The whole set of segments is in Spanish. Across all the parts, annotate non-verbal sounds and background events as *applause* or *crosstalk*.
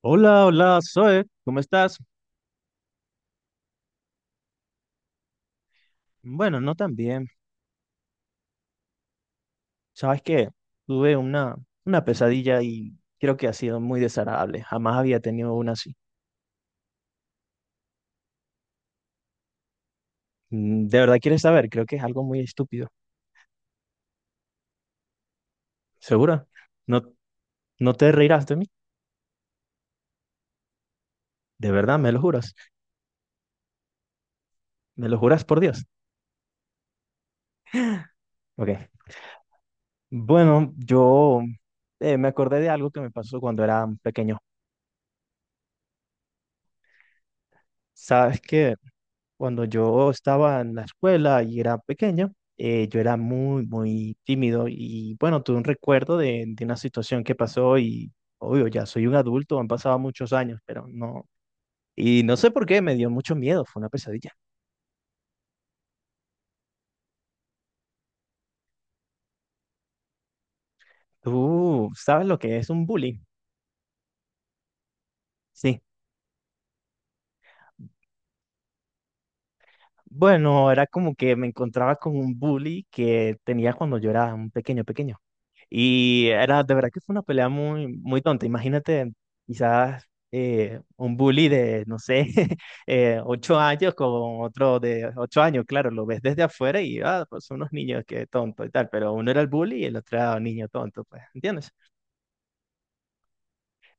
Hola, hola, Zoe, ¿cómo estás? Bueno, no tan bien. Sabes que tuve una pesadilla y creo que ha sido muy desagradable. Jamás había tenido una así. ¿De verdad quieres saber? Creo que es algo muy estúpido. ¿Segura? ¿No, no te reirás de mí? ¿De verdad? ¿Me lo juras? ¿Me lo juras por Dios? Ok. Bueno, yo me acordé de algo que me pasó cuando era pequeño. ¿Sabes qué? Cuando yo estaba en la escuela y era pequeño, yo era muy, muy tímido y bueno, tuve un recuerdo de una situación que pasó y obvio, ya soy un adulto, han pasado muchos años, pero no. Y no sé por qué, me dio mucho miedo, fue una pesadilla. ¿Tú sabes lo que es un bully? Sí. Bueno, era como que me encontraba con un bully que tenía cuando yo era un pequeño, pequeño. Y era, de verdad que fue una pelea muy, muy tonta. Imagínate, quizás un bully de, no sé, *laughs* 8 años con otro de 8 años. Claro, lo ves desde afuera y, ah, pues son unos niños que tonto y tal, pero uno era el bully y el otro era un niño tonto, pues, ¿entiendes?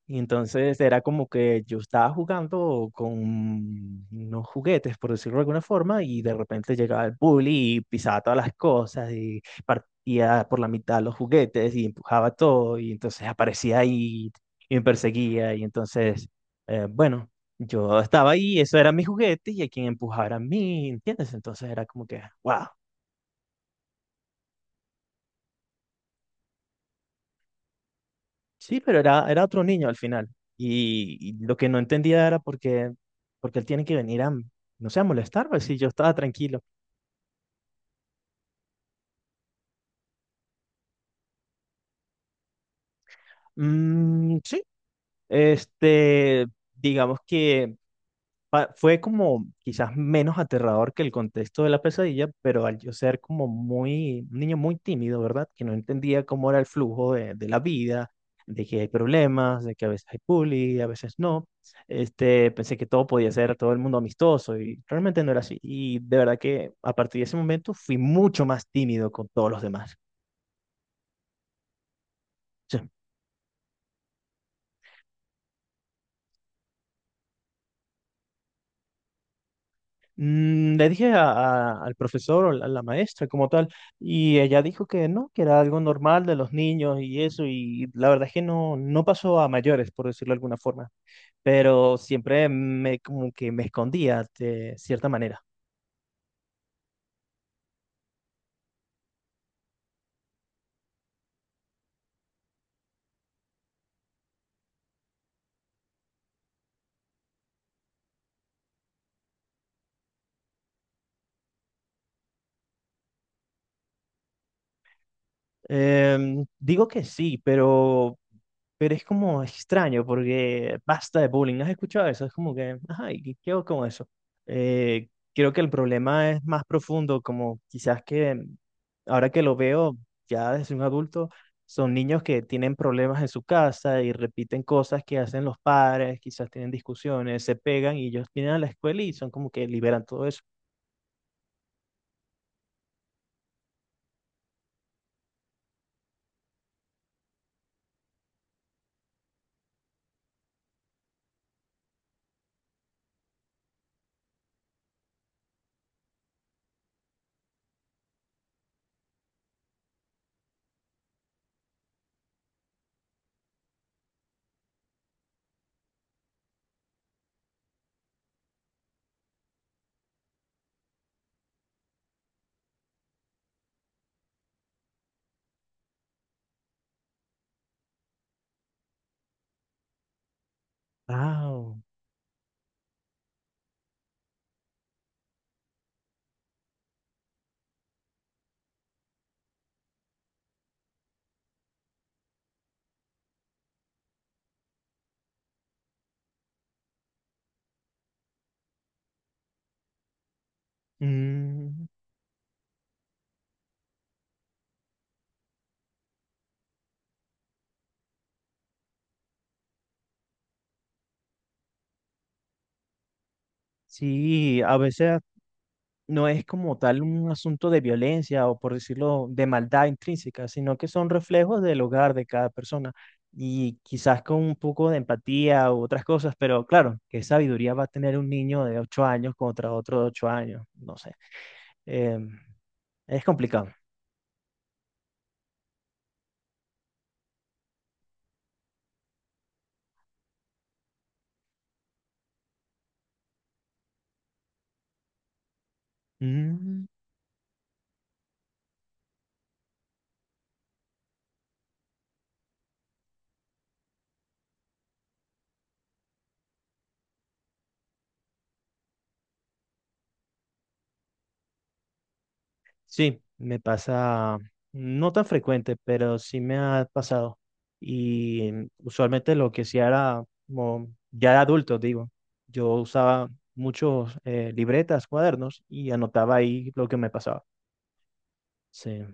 Y entonces era como que yo estaba jugando con unos juguetes, por decirlo de alguna forma, y de repente llegaba el bully y pisaba todas las cosas y partía por la mitad los juguetes y empujaba todo y entonces aparecía ahí y me perseguía y entonces, bueno, yo estaba ahí, eso era mi juguete y a quien empujara a mí, ¿entiendes? Entonces era como que, wow. Sí, pero era otro niño al final. Y lo que no entendía era por qué, porque él tiene que venir a, no sé, a molestar, pues si yo estaba tranquilo. Sí, este, digamos que fue como quizás menos aterrador que el contexto de la pesadilla, pero al yo ser como muy, un niño muy tímido, ¿verdad? Que no entendía cómo era el flujo de la vida, de que hay problemas, de que a veces hay bullying, a veces no. Este, pensé que todo podía ser todo el mundo amistoso y realmente no era así. Y de verdad que a partir de ese momento fui mucho más tímido con todos los demás. Le dije al profesor o a la maestra como tal, y ella dijo que no, que era algo normal de los niños y eso, y la verdad es que no, no pasó a mayores, por decirlo de alguna forma, pero siempre me, como que me escondía de cierta manera. Digo que sí, pero es como extraño porque basta de bullying. ¿No ¿Has escuchado eso? Es como que, ajá, ¿y qué hago con eso? Eh, creo que el problema es más profundo, como quizás que ahora que lo veo ya desde un adulto, son niños que tienen problemas en su casa y repiten cosas que hacen los padres, quizás tienen discusiones, se pegan y ellos vienen a la escuela y son como que liberan todo eso. Wow. Mm, sí, a veces. No es como tal un asunto de violencia o por decirlo de maldad intrínseca, sino que son reflejos del hogar de cada persona y quizás con un poco de empatía u otras cosas, pero claro, qué sabiduría va a tener un niño de 8 años contra otro de 8 años, no sé. Em, es complicado. Mm. Sí, me pasa no tan frecuente, pero sí me ha pasado. Y usualmente lo que sí era, como ya de adulto, digo, yo usaba muchos libretas, cuadernos y anotaba ahí lo que me pasaba. Sí.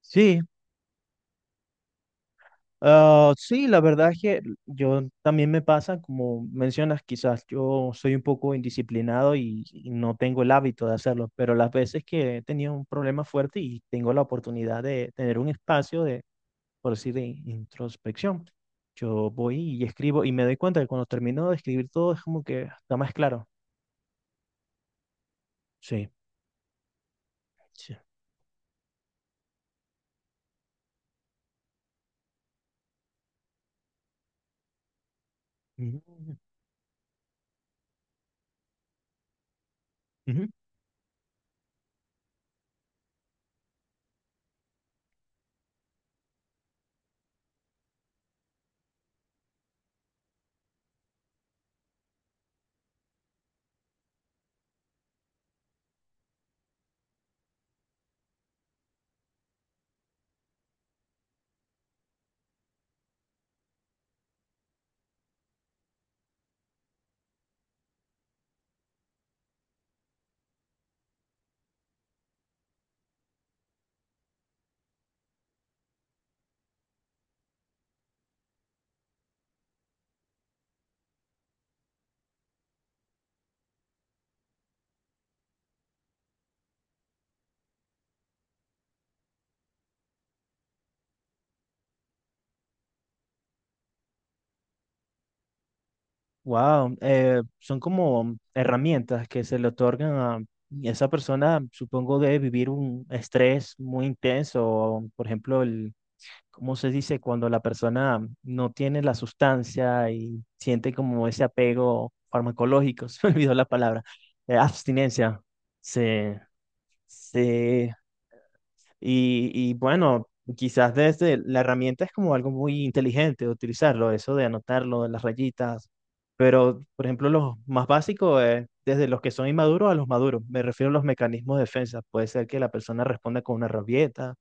Sí, ah, sí, la verdad es que yo también me pasa, como mencionas, quizás yo soy un poco indisciplinado y no tengo el hábito de hacerlo, pero las veces que he tenido un problema fuerte y tengo la oportunidad de tener un espacio de por decir, de introspección. Yo voy y escribo y me doy cuenta que cuando termino de escribir todo es como que está más claro. Sí. Sí. Wow. Son como herramientas que se le otorgan a esa persona, supongo, de vivir un estrés muy intenso. O, por ejemplo, ¿cómo se dice? Cuando la persona no tiene la sustancia y siente como ese apego farmacológico, *laughs* se me olvidó la palabra, abstinencia. Sí. Sí, y bueno, quizás desde la herramienta es como algo muy inteligente utilizarlo, eso de anotarlo las rayitas, pero por ejemplo, los más básicos es desde los que son inmaduros a los maduros, me refiero a los mecanismos de defensa, puede ser que la persona responda con una rabieta,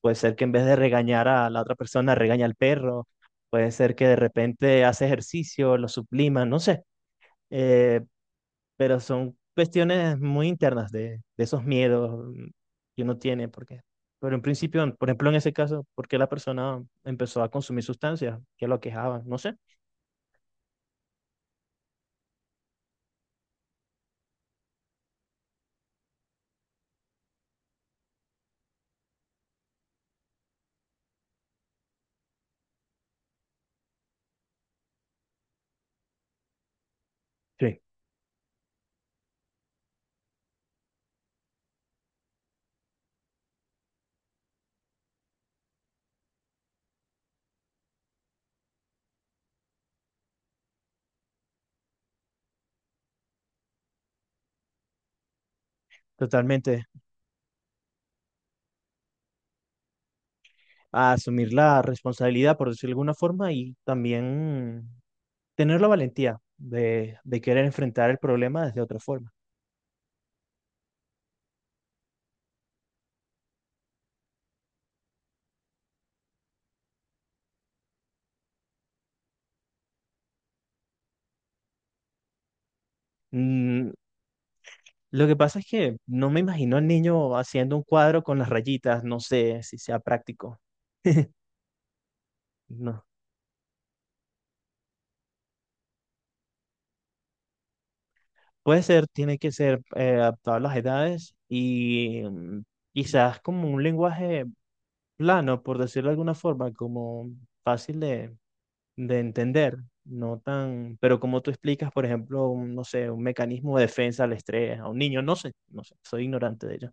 puede ser que en vez de regañar a la otra persona regaña al perro, puede ser que de repente hace ejercicio, lo sublima, no sé, eh, pero son cuestiones muy internas de esos miedos que uno tiene, porque, pero en principio, por ejemplo, en ese caso, ¿por qué la persona empezó a consumir sustancias que lo aquejaban? No sé. Sí. Totalmente. A asumir la responsabilidad, por decirlo de alguna forma, y también tener la valentía de querer enfrentar el problema desde otra forma. Mm, lo que pasa es que no me imagino al niño haciendo un cuadro con las rayitas, no sé si sea práctico. *laughs* No, puede ser, tiene que ser adaptado a las edades y quizás como un lenguaje plano, por decirlo de alguna forma, como fácil de entender, no tan, pero como tú explicas, por ejemplo, un, no sé, un mecanismo de defensa al estrés a un niño, no sé, no sé, soy ignorante de ello.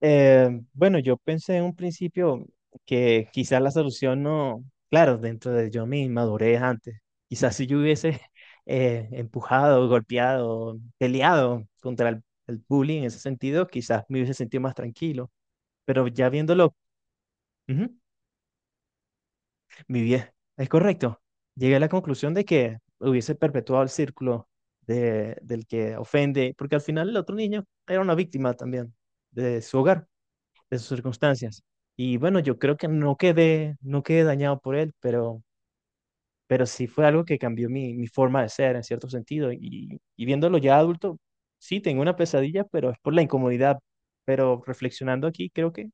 Eh, bueno, yo pensé en un principio que quizás la solución no, claro, dentro de yo mi inmadurez antes, quizás si yo hubiese *laughs* empujado, golpeado, peleado contra el bullying en ese sentido, quizás me hubiese sentido más tranquilo, pero ya viéndolo, ujú, mi bien, es correcto. Llegué a la conclusión de que hubiese perpetuado el círculo del que ofende, porque al final el otro niño era una víctima también de su hogar, de sus circunstancias. Y bueno, yo creo que no quedé dañado por él, pero sí fue algo que cambió mi forma de ser en cierto sentido. Y viéndolo ya adulto, sí, tengo una pesadilla, pero es por la incomodidad. Pero reflexionando aquí, creo que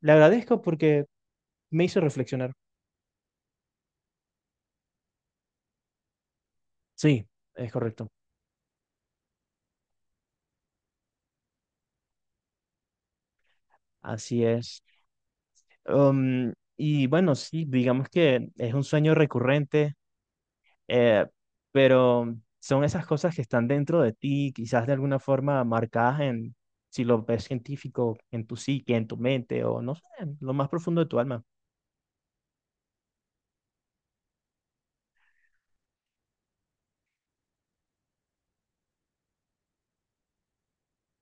le agradezco porque me hizo reflexionar. Sí, es correcto. Así es. Y bueno, sí, digamos que es un sueño recurrente, Eh, pero son esas cosas que están dentro de ti, quizás de alguna forma marcadas en, si lo ves científico, en tu psique, en tu mente o no sé, en lo más profundo de tu alma.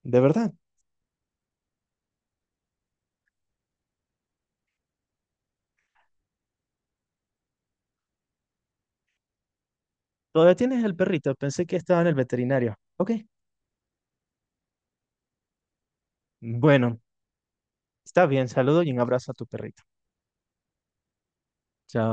De verdad. Todavía tienes el perrito. Pensé que estaba en el veterinario. Ok. Bueno, está bien. Saludo y un abrazo a tu perrito. Chao.